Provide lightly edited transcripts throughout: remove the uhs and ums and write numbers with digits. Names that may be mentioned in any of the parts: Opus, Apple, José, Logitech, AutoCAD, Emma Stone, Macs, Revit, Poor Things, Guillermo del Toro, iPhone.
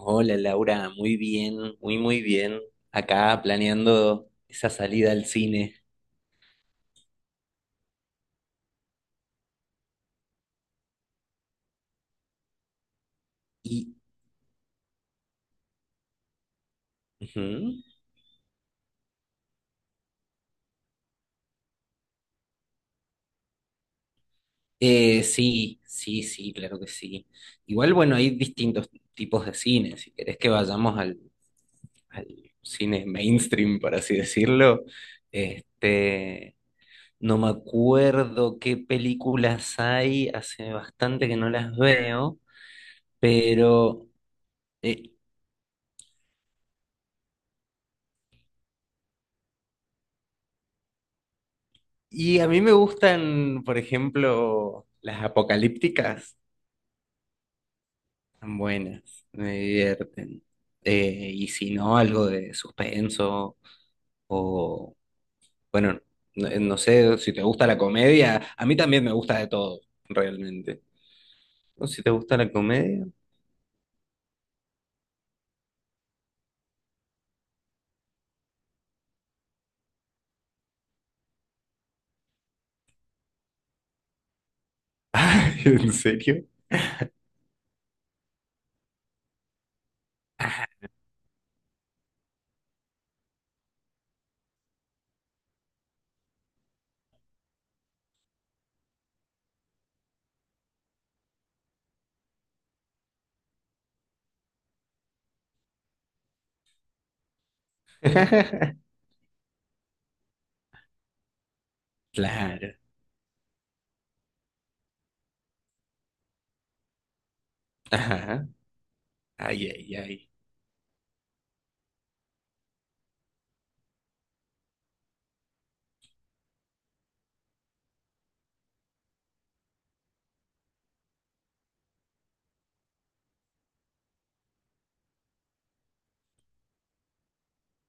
Hola Laura, muy bien, muy muy bien. Acá planeando esa salida al cine. Y ujú. Sí, sí, sí, claro que sí. Igual, bueno, hay distintos tipos de cine. Si querés que vayamos al cine mainstream, por así decirlo, este, no me acuerdo qué películas hay, hace bastante que no las veo, pero eh, Y a mí me gustan, por ejemplo, las apocalípticas, están buenas, me divierten. Y si no, algo de suspenso o, bueno, no sé si te gusta la comedia, a mí también me gusta de todo, realmente. ¿No? Si te gusta la comedia. Ay, ¿en serio? Claro. Ajá. Ay, ay, ay.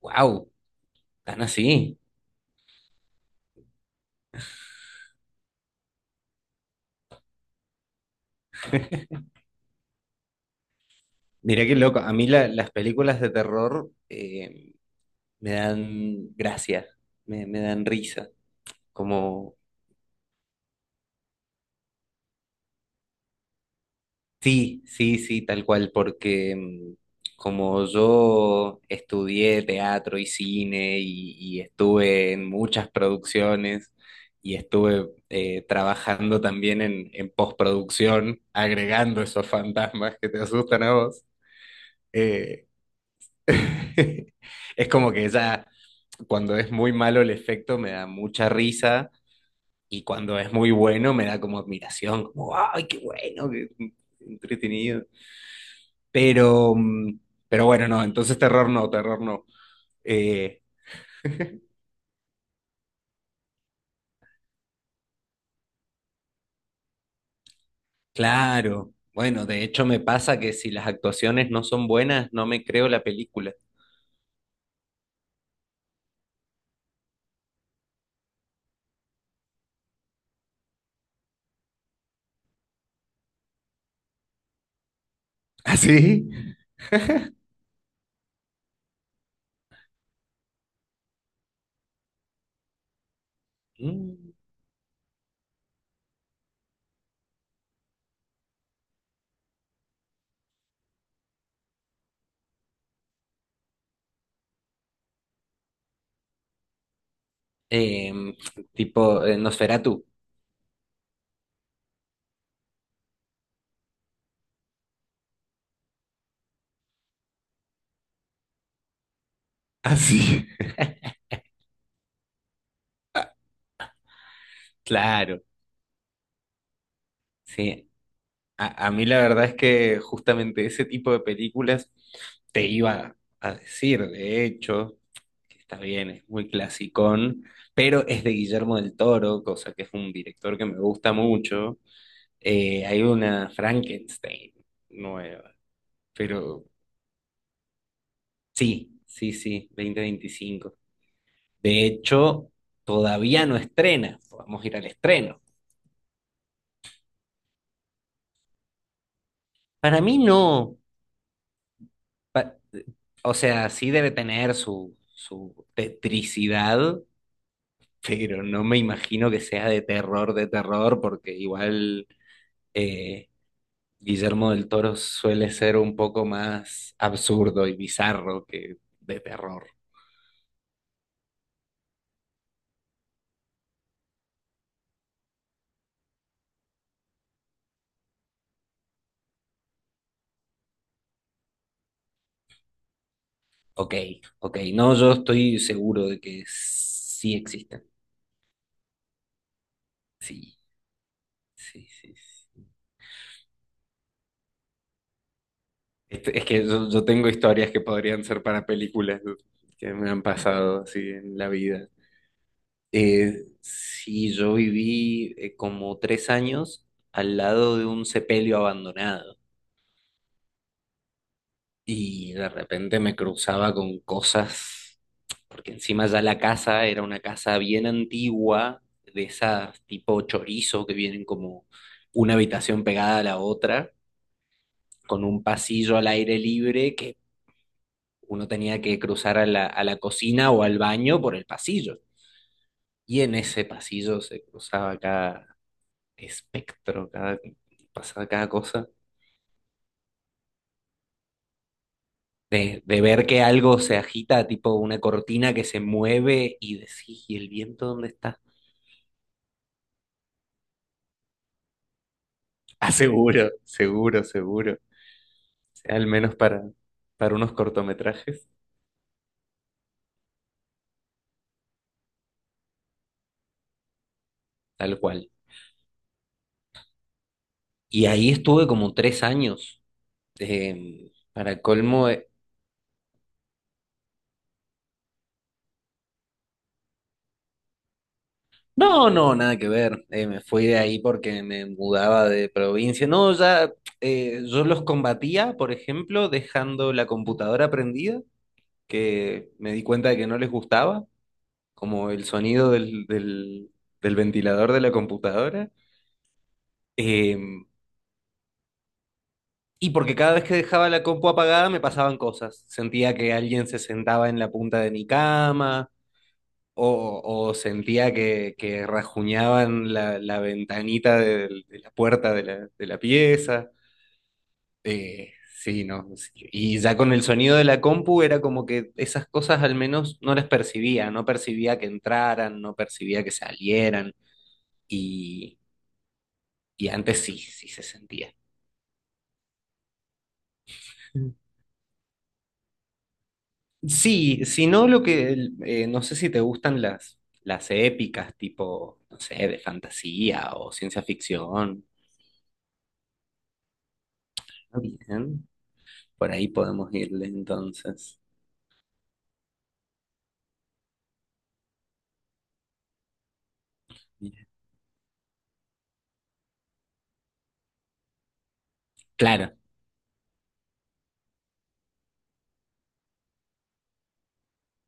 Wow, tan así. Mirá qué loco. A mí las películas de terror me dan gracia, me dan risa. Como, sí, sí, sí, tal cual, porque mm, como yo estudié teatro y cine y estuve en muchas producciones y estuve trabajando también en postproducción, agregando esos fantasmas que te asustan a vos, eh, es como que ya cuando es muy malo el efecto me da mucha risa. Y cuando es muy bueno me da como admiración, como, ay, qué bueno, qué entretenido. Pero, mm, pero bueno, no, entonces terror no, terror no. Eh, claro, bueno, de hecho me pasa que si las actuaciones no son buenas, no me creo la película. ¿Así? Mm. Em, Tipo Nosferatu. ¿Así? Claro, sí. A mí la verdad es que justamente ese tipo de películas te iba a decir, de hecho, que está bien, es muy clasicón, pero es de Guillermo del Toro, cosa que es un director que me gusta mucho. Hay una Frankenstein nueva, pero sí, sí, sí, 2025. De hecho, todavía no estrena, vamos a ir al estreno. Para mí no, pa- o sea, sí debe tener su tetricidad, pero no me imagino que sea de terror, porque igual eh, Guillermo del Toro suele ser un poco más absurdo y bizarro que de terror. Ok, ok. No, yo estoy seguro de que sí existen. Sí, sí, sí, sí. Es que yo tengo historias que podrían ser para películas que me han pasado así en la vida. Eh, sí, yo viví como 3 años al lado de un sepelio abandonado y de repente me cruzaba con cosas, porque encima ya la casa era una casa bien antigua, de esas tipo chorizo que vienen como una habitación pegada a la otra, con un pasillo al aire libre que uno tenía que cruzar a a la cocina o al baño por el pasillo. Y en ese pasillo se cruzaba cada espectro, cada, pasaba cada cosa. De ver que algo se agita, tipo una cortina que se mueve y decís, ¿y el viento dónde está? Ah, seguro, seguro, seguro. Al menos para unos cortometrajes, tal cual. Y ahí estuve como 3 años. eh, para colmo, eh, no, no, nada que ver. Me fui de ahí porque me mudaba de provincia. No, ya yo los combatía, por ejemplo, dejando la computadora prendida, que me di cuenta de que no les gustaba, como el sonido del ventilador de la computadora. Eh, Y porque cada vez que dejaba la compu apagada me pasaban cosas. Sentía que alguien se sentaba en la punta de mi cama, o sentía que rajuñaban la ventanita de la puerta de de la pieza. Eh, sí, no, sí. Y ya con el sonido de la compu era como que esas cosas al menos no las percibía. No percibía que entraran, no percibía que salieran. Y, y antes sí, sí se sentía. Sí, no sé si te gustan las épicas, tipo, no sé, de fantasía o ciencia ficción. Ah, bien, por ahí podemos irle entonces. Bien. Claro,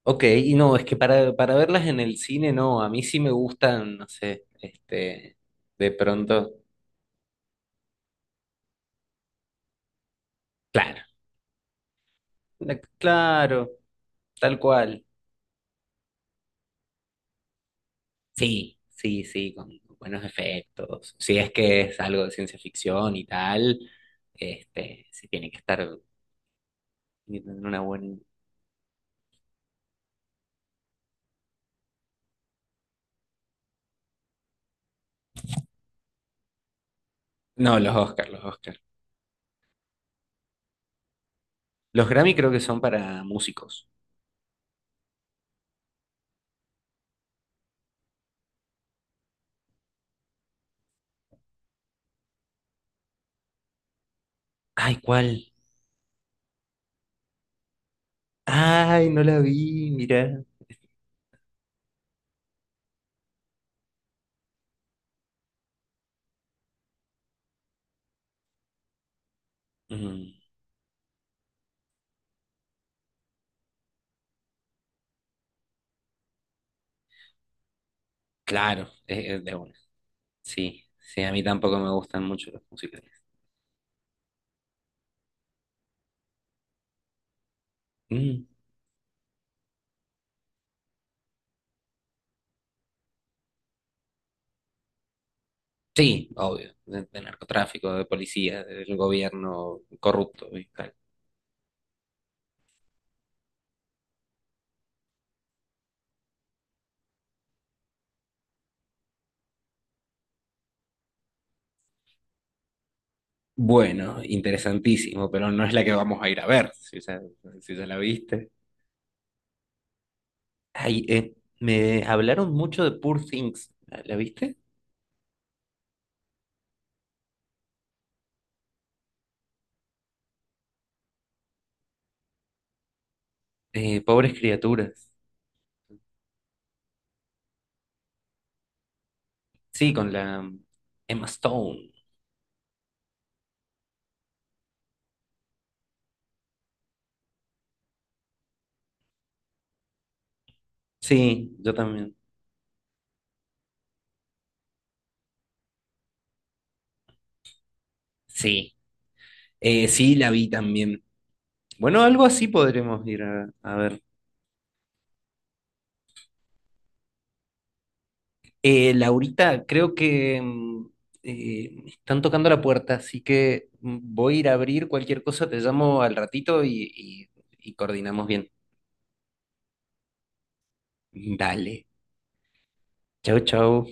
ok, y no, es que para verlas en el cine, no, a mí sí me gustan, no sé, de pronto, claro, claro, tal cual. Sí, sí, sí, con buenos efectos. Si es que es algo de ciencia ficción y tal, sí tiene que estar en una buena... No, los Oscar, los Oscar. Los Grammy creo que son para músicos. Ay, ¿cuál? Ay, no la vi, mira. Mm, claro, es de una. Sí, sí, a mí tampoco me gustan mucho los musicales. Mm, sí, obvio, de narcotráfico, de policía, del gobierno corrupto y tal. Bueno, interesantísimo, pero no es la que vamos a ir a ver, si ya, si ya la viste. Ay, me hablaron mucho de Poor Things, ¿la, la viste? Pobres criaturas. Sí, con la Emma Stone. Sí, yo también. Sí, sí, la vi también. Bueno, algo así podremos ir a ver. Laurita, creo que mm, están tocando la puerta, así que mm, voy a ir a abrir cualquier cosa, te llamo al ratito y coordinamos bien. Dale. Chau, chau.